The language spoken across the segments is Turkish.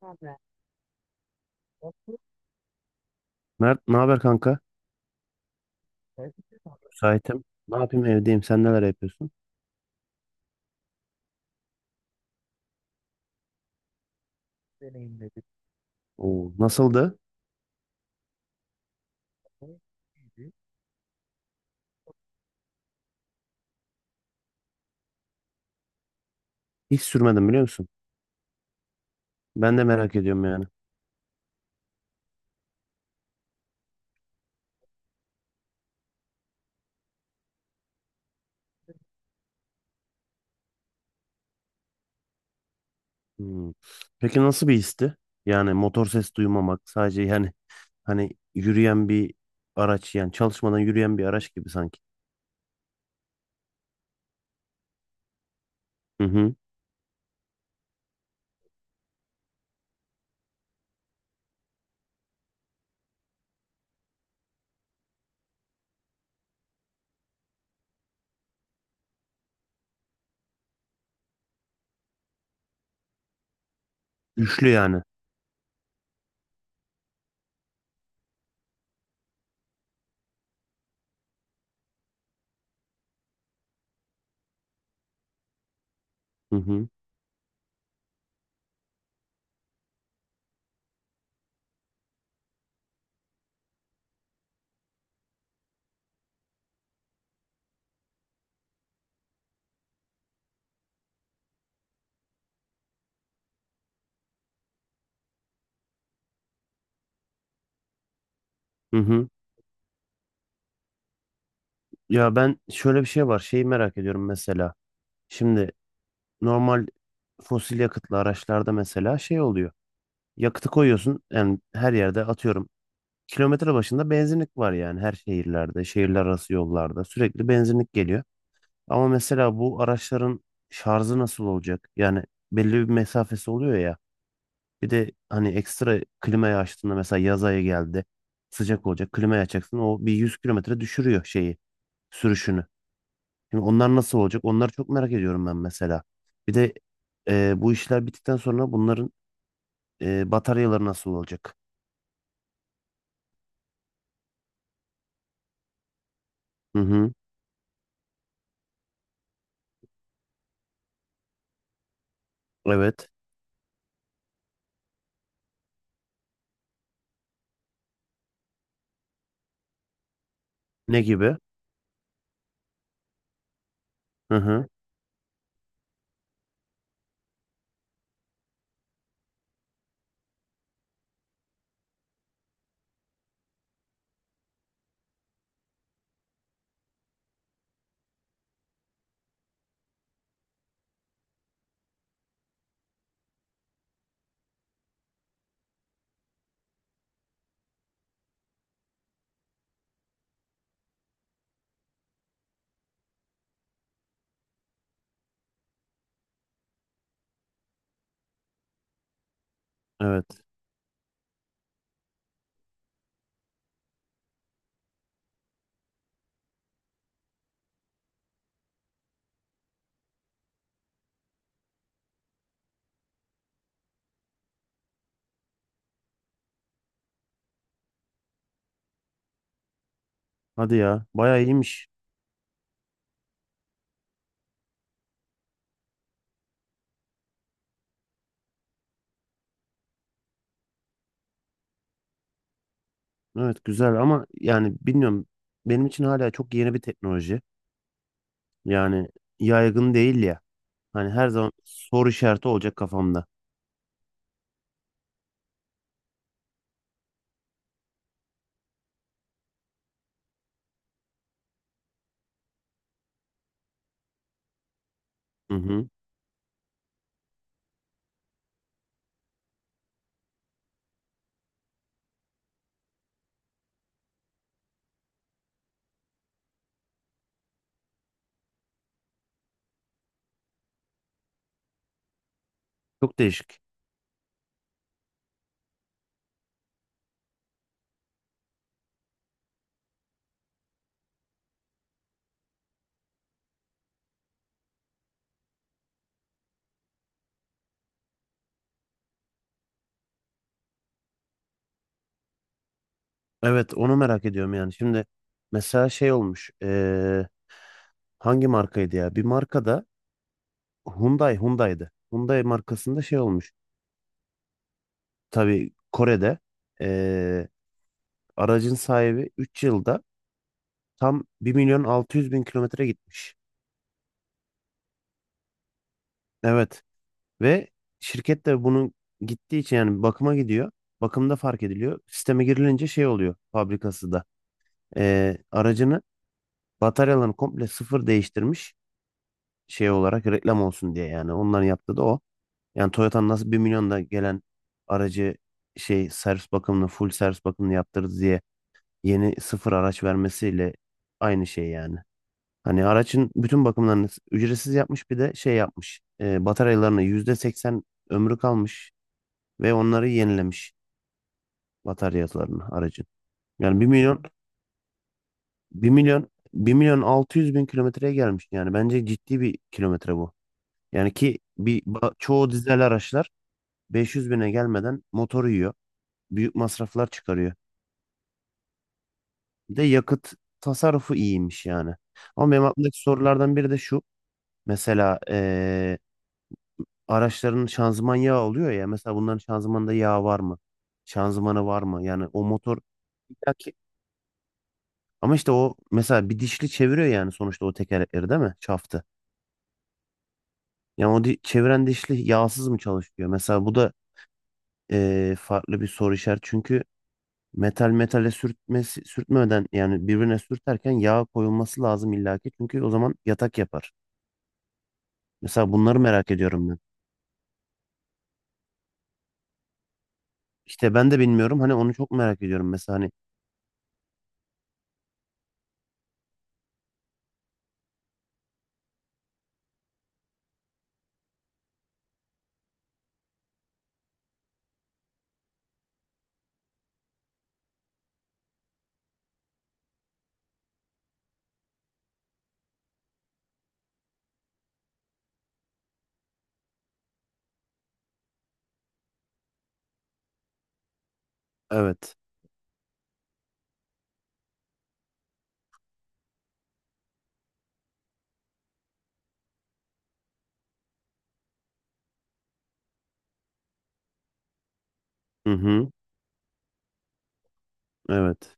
Abi. Mert ne haber kanka? Müsaitim. Ne yapayım, evdeyim. Sen neler yapıyorsun? Deneyimledim. Oo, nasıldı? Hiç sürmedim, biliyor musun? Ben de merak ediyorum yani. Hmm. Peki nasıl bir histi? Yani motor ses duymamak sadece, yani hani yürüyen bir araç, yani çalışmadan yürüyen bir araç gibi sanki. Hı hı. Güçlü yani. Hı hı. Hı hı. Ya ben şöyle bir şey var. Şeyi merak ediyorum mesela. Şimdi normal fosil yakıtlı araçlarda mesela şey oluyor. Yakıtı koyuyorsun yani, her yerde atıyorum. Kilometre başında benzinlik var, yani her şehirlerde, şehirler arası yollarda sürekli benzinlik geliyor. Ama mesela bu araçların şarjı nasıl olacak? Yani belli bir mesafesi oluyor ya. Bir de hani ekstra klimayı açtığında, mesela yaz ayı geldi, sıcak olacak. Klimayı açacaksın, o bir 100 kilometre düşürüyor şeyi, sürüşünü. Şimdi onlar nasıl olacak? Onları çok merak ediyorum ben mesela. Bir de bu işler bittikten sonra bunların bataryaları nasıl olacak? Hı hı. Evet. Ne gibi? Hı hı. Evet. Hadi ya. Bayağı iyiymiş. Evet, güzel ama yani bilmiyorum. Benim için hala çok yeni bir teknoloji. Yani yaygın değil ya. Hani her zaman soru işareti olacak kafamda. Hı hı. Çok değişik. Evet, onu merak ediyorum yani. Şimdi mesela şey olmuş. Hangi markaydı ya? Bir markada Hyundai'di. Hyundai markasında şey olmuş. Tabii Kore'de, eee, aracın sahibi 3 yılda tam 1.600.000 kilometre gitmiş. Evet, ve şirket de bunun gittiği için yani bakıma gidiyor. Bakımda fark ediliyor. Sisteme girilince şey oluyor fabrikası da. Aracını, bataryalarını komple sıfır değiştirmiş, şey olarak reklam olsun diye yani. Onların yaptığı da o. Yani Toyota'nın nasıl 1 milyonda gelen aracı, şey servis bakımını, full servis bakımını yaptırdı diye yeni sıfır araç vermesiyle aynı şey yani. Hani aracın bütün bakımlarını ücretsiz yapmış, bir de şey yapmış. Bataryalarını %80 ömrü kalmış ve onları yenilemiş, bataryasını aracın. Yani bir milyon 1.600.000 kilometreye gelmiş. Yani bence ciddi bir kilometre bu. Yani ki çoğu dizel araçlar 500 bine gelmeden motor yiyor. Büyük masraflar çıkarıyor. Bir de yakıt tasarrufu iyiymiş yani. Ama benim aklımdaki sorulardan biri de şu. Mesela araçların şanzıman yağı oluyor ya. Mesela bunların şanzımanda yağ var mı? Şanzımanı var mı? Yani o motor illaki. Ama işte o mesela bir dişli çeviriyor, yani sonuçta o tekerlekleri, değil mi? Çaftı. Yani o çeviren dişli yağsız mı çalışıyor? Mesela bu da farklı bir soru işareti. Çünkü metal metale sürtmesi, sürtmeden, yani birbirine sürterken yağ koyulması lazım illaki. Çünkü o zaman yatak yapar. Mesela bunları merak ediyorum ben. İşte ben de bilmiyorum. Hani onu çok merak ediyorum. Mesela hani evet. Hı hı. Evet.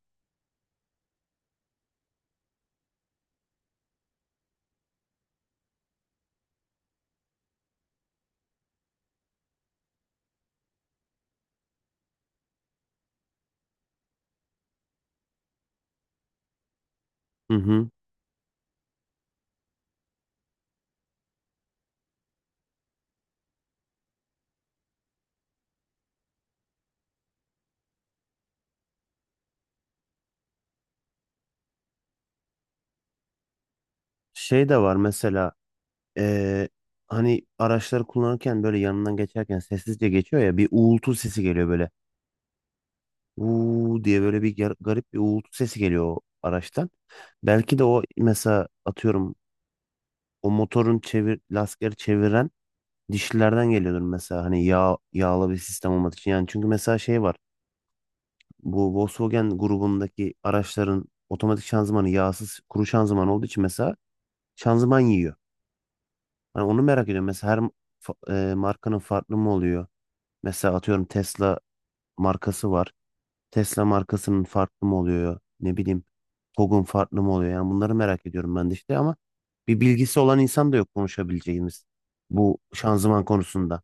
Hı hı. Şey de var mesela. Ee, hani araçları kullanırken, böyle yanından geçerken sessizce geçiyor ya, bir uğultu sesi geliyor böyle. Uuu diye böyle bir garip bir uğultu sesi geliyor o araçtan. Belki de o mesela atıyorum o motorun lastikleri çeviren dişlilerden geliyordur mesela, hani yağ, yağlı bir sistem olmadığı için. Yani çünkü mesela şey var. Bu Volkswagen grubundaki araçların otomatik şanzımanı yağsız, kuru şanzıman olduğu için mesela şanzıman yiyor. Hani onu merak ediyorum. Mesela her markanın farklı mı oluyor? Mesela atıyorum Tesla markası var. Tesla markasının farklı mı oluyor? Ne bileyim, TOGG'un farklı mı oluyor? Yani bunları merak ediyorum ben de işte, ama bir bilgisi olan insan da yok konuşabileceğimiz bu şanzıman konusunda.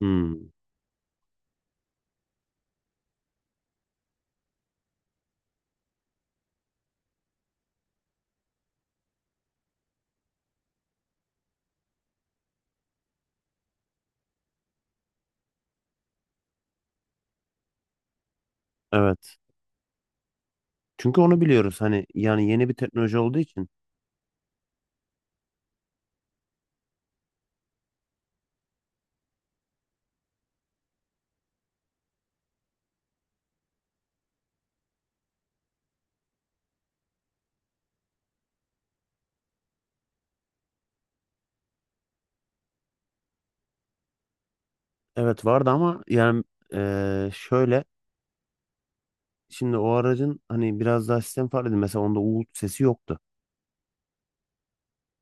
Hmm, evet. Çünkü onu biliyoruz, hani yani yeni bir teknoloji olduğu için. Evet vardı ama yani, şöyle, şimdi o aracın hani biraz daha sistem farklıydı. Mesela onda uğultu sesi yoktu.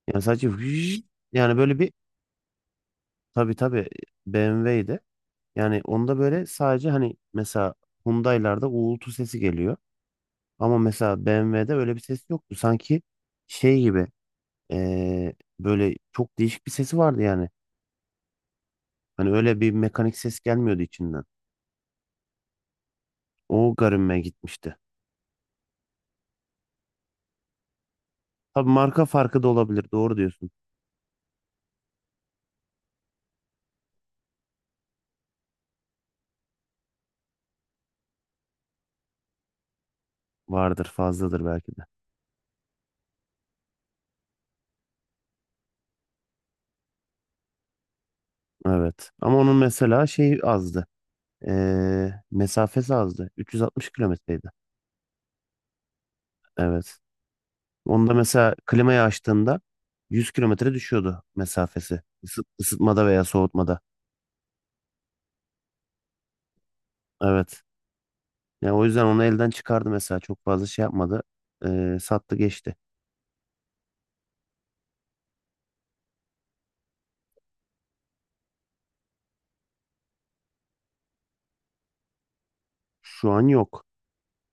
Yani sadece yani böyle bir, tabii tabii BMW'ydi. Yani onda böyle sadece hani mesela Hyundai'larda uğultu sesi geliyor. Ama mesela BMW'de öyle bir ses yoktu. Sanki şey gibi, eee, böyle çok değişik bir sesi vardı yani. Hani öyle bir mekanik ses gelmiyordu içinden. O garibime gitmişti. Tabii marka farkı da olabilir. Doğru diyorsun. Vardır, fazladır belki de. Evet. Ama onun mesela şeyi azdı. Mesafesi azdı. 360 kilometreydi. Evet. Onda mesela klimayı açtığında 100 kilometre düşüyordu mesafesi. Isı- ısıtmada veya soğutmada. Evet. Yani o yüzden onu elden çıkardı mesela. Çok fazla şey yapmadı. Sattı geçti. Şu an yok.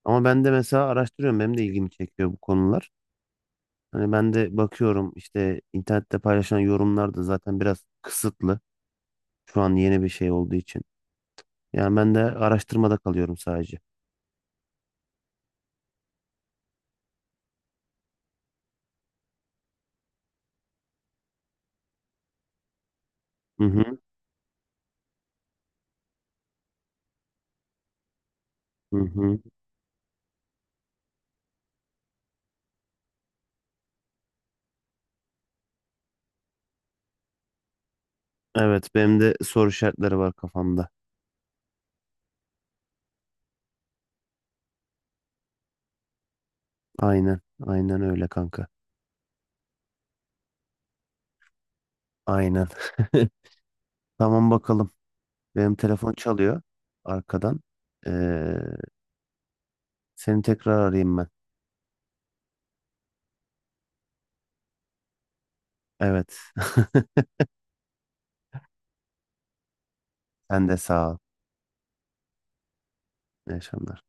Ama ben de mesela araştırıyorum. Benim de ilgimi çekiyor bu konular. Hani ben de bakıyorum, işte internette paylaşılan yorumlar da zaten biraz kısıtlı. Şu an yeni bir şey olduğu için. Yani ben de araştırmada kalıyorum sadece. Hı hı, hı hı. Evet, benim de soru işaretleri var kafamda. Aynen, aynen öyle kanka. Aynen. Tamam, bakalım. Benim telefon çalıyor arkadan. Ee, seni tekrar arayayım ben. Evet. Sen de sağ ol. İyi akşamlar.